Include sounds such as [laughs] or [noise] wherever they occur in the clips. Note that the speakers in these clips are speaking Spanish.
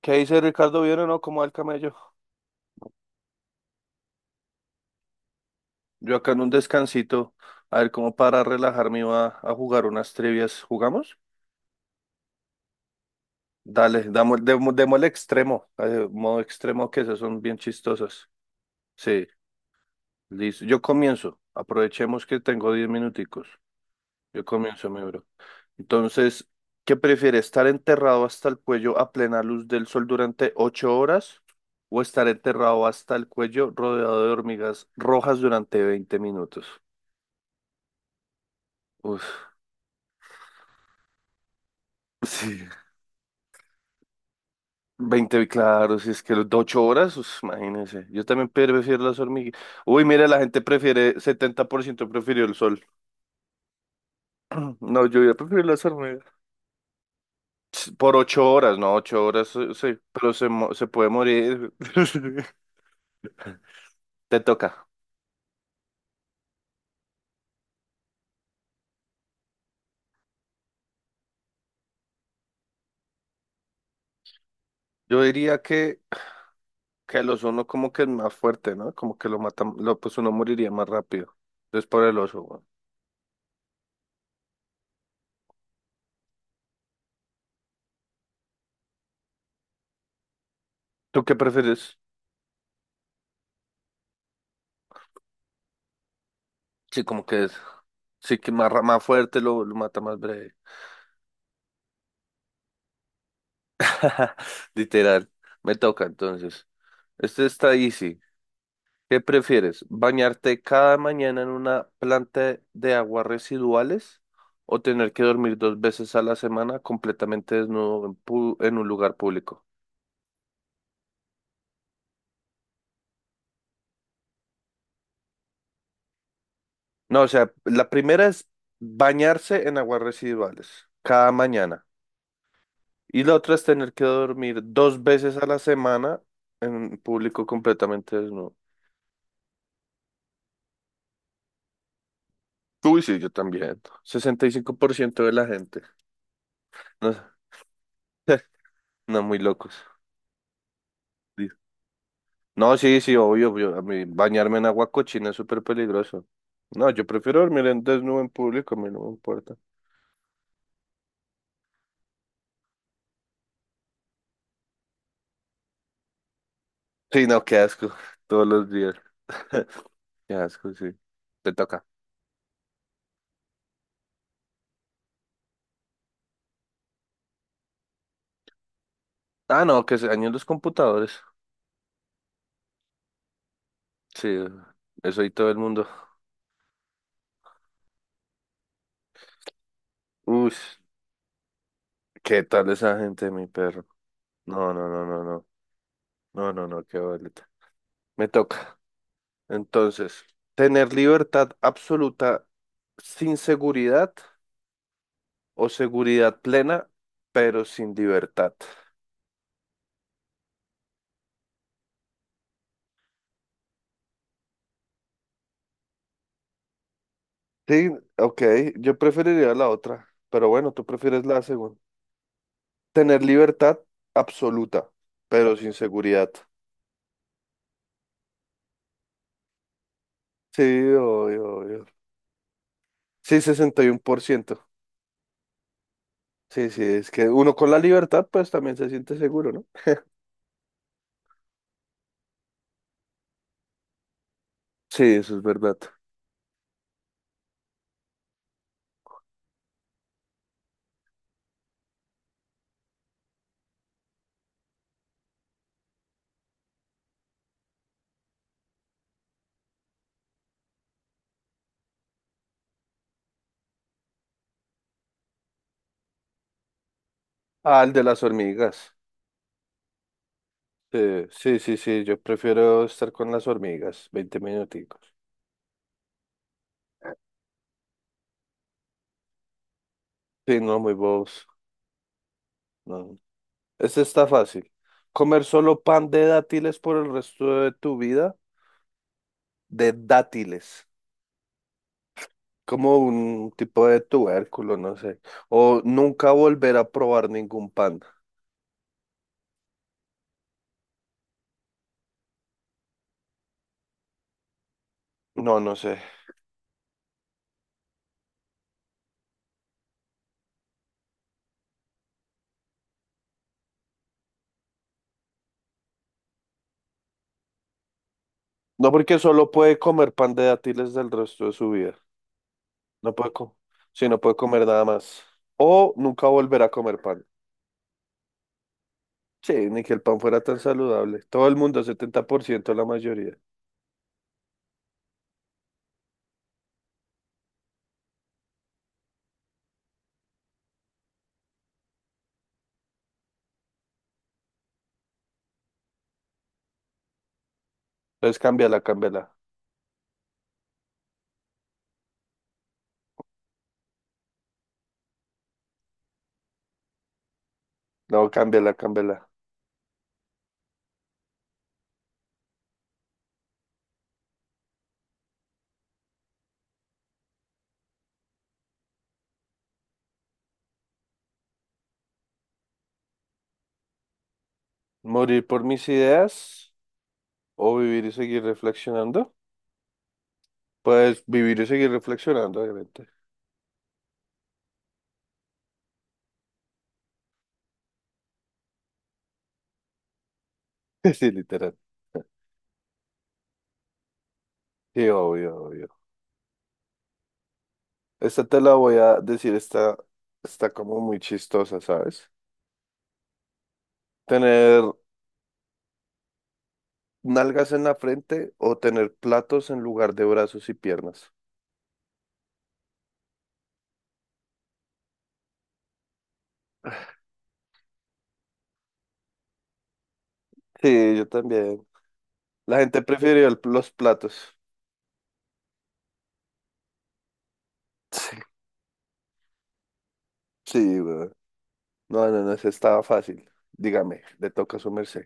¿Qué dice Ricardo? ¿Bien o no? ¿Cómo va el camello? Yo acá en un descansito, a ver cómo para relajarme iba a jugar unas trivias. ¿Jugamos? Dale, démosle modo extremo que esas son bien chistosas. Sí, listo. Yo comienzo. Aprovechemos que tengo 10 minuticos. Yo comienzo, mi bro. Entonces, ¿qué prefiere? ¿Estar enterrado hasta el cuello a plena luz del sol durante 8 horas o estar enterrado hasta el cuello rodeado de hormigas rojas durante 20 minutos? Uf. Sí, veinte, claro, si es que los de 8 horas, pues, imagínense. Yo también prefiero las hormigas. Uy, mira, 70% prefirió el sol. [clears throat] No, yo ya prefiero las hormigas. Por 8 horas, no, 8 horas, sí, pero se puede morir. [laughs] Te toca. Yo diría que el oso no como que es más fuerte, ¿no? Como que lo mata, pues uno moriría más rápido. Entonces por el oso, weón. ¿Tú qué prefieres? Sí, como que es, sí que más, más fuerte lo mata más breve. [laughs] Literal. Me toca entonces. Este está easy. ¿Qué prefieres? ¿Bañarte cada mañana en una planta de aguas residuales o tener que dormir dos veces a la semana completamente desnudo en un lugar público? No, o sea, la primera es bañarse en aguas residuales cada mañana y la otra es tener que dormir dos veces a la semana en público completamente desnudo. Uy, sí, yo también. 65% de la gente. No, no, muy locos. Sí. No, sí, sí, obvio, obvio. A mí bañarme en agua cochina es súper peligroso. No, yo prefiero dormir en desnudo en público, a mí no me importa. Sí, no, qué asco. [laughs] Todos los días. [laughs] Qué asco, sí. Te toca. Ah, no, que se dañen los computadores. Sí, eso y todo el mundo. Uy, ¿qué tal esa gente, mi perro? No, no, no, no, no. No, no, no, qué boleta. Me toca. Entonces, tener libertad absoluta sin seguridad o seguridad plena, pero sin libertad. Sí, ok, yo preferiría la otra, pero bueno, tú prefieres la segunda. Tener libertad absoluta, pero sin seguridad. Sí, obvio, obvio. Sí, 61%. Sí, sí, es que uno con la libertad pues también se siente seguro, ¿no? Sí, eso es verdad. Ah, el de las hormigas. Sí, sí, sí, sí, yo prefiero estar con las hormigas, 20 minuticos. Sí, no, muy bobos. No. Este está fácil. Comer solo pan de dátiles por el resto de tu vida. De dátiles. Como un tipo de tubérculo, no sé. O nunca volver a probar ningún pan. No, no sé. No, porque solo puede comer pan de dátiles del resto de su vida. No puede comer. Sí, no puede comer nada más. O nunca volver a comer pan. Sí, ni que el pan fuera tan saludable. Todo el mundo, 70%, la mayoría. Entonces cámbiala, cámbiala. No, cámbiala, cámbiala. Morir por mis ideas. O vivir y seguir reflexionando. Pues vivir y seguir reflexionando, obviamente. [laughs] Sí, literal. Sí, obvio, obvio. Esta te la voy a decir, está como muy chistosa, ¿sabes? Tener nalgas en la frente o tener platos en lugar de brazos y piernas. Sí, yo también. La gente prefirió los platos. [laughs] Sí, sí, güey. No, no, no, esa estaba fácil. Dígame, le toca a su merced.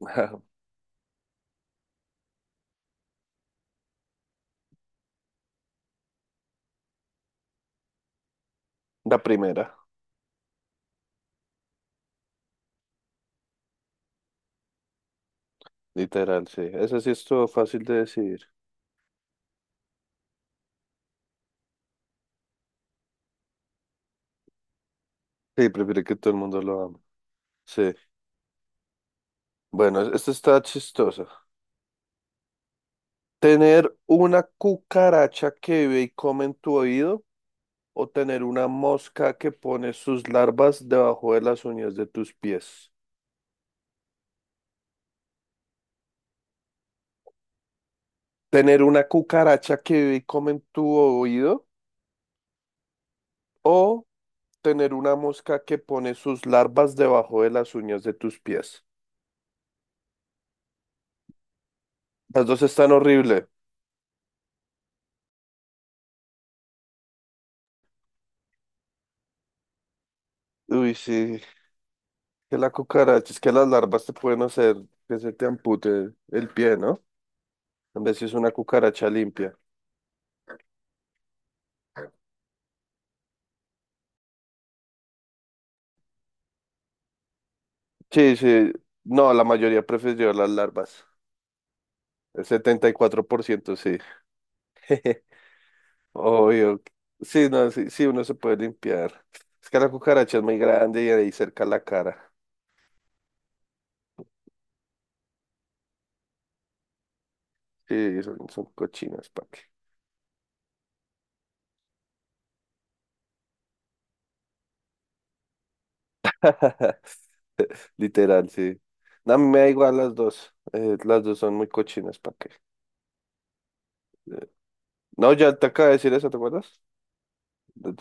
[laughs] La primera, literal, sí. Esa sí estuvo fácil de decir. Sí, prefiere que todo el mundo lo ame. Sí. Bueno, esto está chistoso. ¿Tener una cucaracha que vive y come en tu oído o tener una mosca que pone sus larvas debajo de las uñas de tus pies? ¿Tener una cucaracha que vive y come en tu oído o tener una mosca que pone sus larvas debajo de las uñas de tus pies? Las dos están horribles. Uy, sí, que la cucaracha, es que las larvas te pueden hacer que se te ampute el pie, ¿no? En vez si es una cucaracha limpia. Sí, sí. No, la mayoría prefirió las larvas. El 74%, sí. [laughs] Obvio. Sí, no, sí, sí, uno se puede limpiar. Es que la cucaracha es muy grande y ahí cerca la cara. Sí, son cochinas, ¿para qué? [laughs] Literal, sí. No, a mí me da igual las dos. Las dos son muy cochinas, ¿para qué? No, ya te acabo de decir eso, ¿te acuerdas?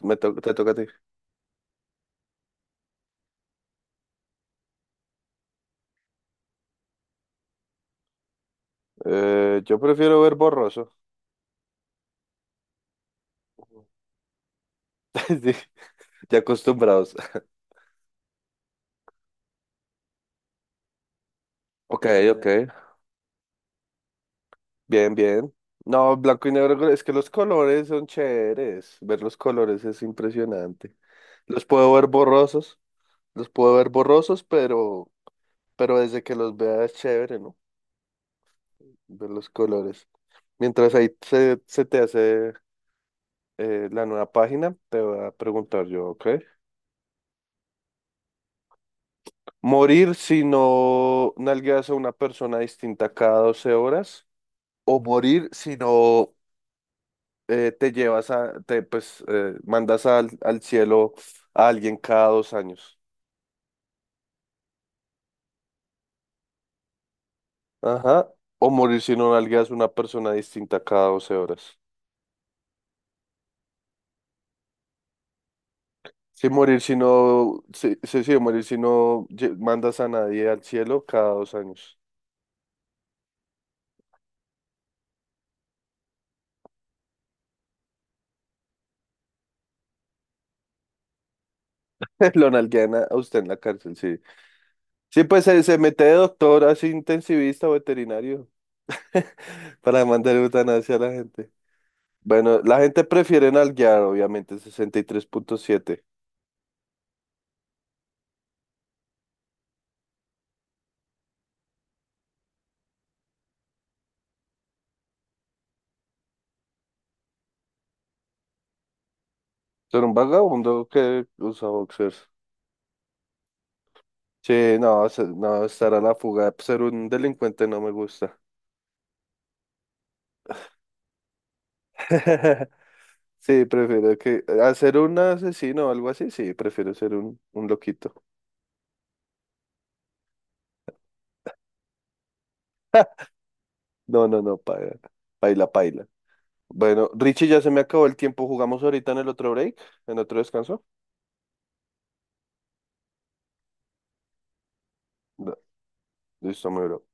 Te toca a ti. Yo prefiero ver borroso. [laughs] Sí, ya acostumbrados. Ok, ok. Bien, bien. No, blanco y negro, es que los colores son chéveres. Ver los colores es impresionante. Los puedo ver borrosos, los puedo ver borrosos, pero desde que los vea es chévere, ¿no? Ver los colores. Mientras ahí se te hace la nueva página, te voy a preguntar yo, ¿ok? ¿Morir si no nalgueas a una persona distinta cada 12 horas? ¿O morir si no te llevas a, te, pues, mandas al cielo a alguien cada 2 años? Ajá. O morir si no nalgas una persona distinta cada 12 horas. Si morir si no, sí, sí, sí, morir si no mandas a nadie al cielo cada 2 años. [laughs] Lo nalguean a usted en la cárcel, sí. Sí, pues se mete de doctor así intensivista o veterinario [laughs] para mandar eutanasia a la gente. Bueno, la gente prefiere nalguear, obviamente, 63,7. Ser un vagabundo que usa boxers. Sí, no, no, estar a la fuga, ser un delincuente no me gusta. [laughs] Sí, prefiero que, a ser un asesino o algo así, sí, prefiero ser un loquito. [laughs] No, no, no, paila, paila, paila. Bueno, Richie, ya se me acabó el tiempo, jugamos ahorita en el otro break, en otro descanso. Da- Listo, muy bro.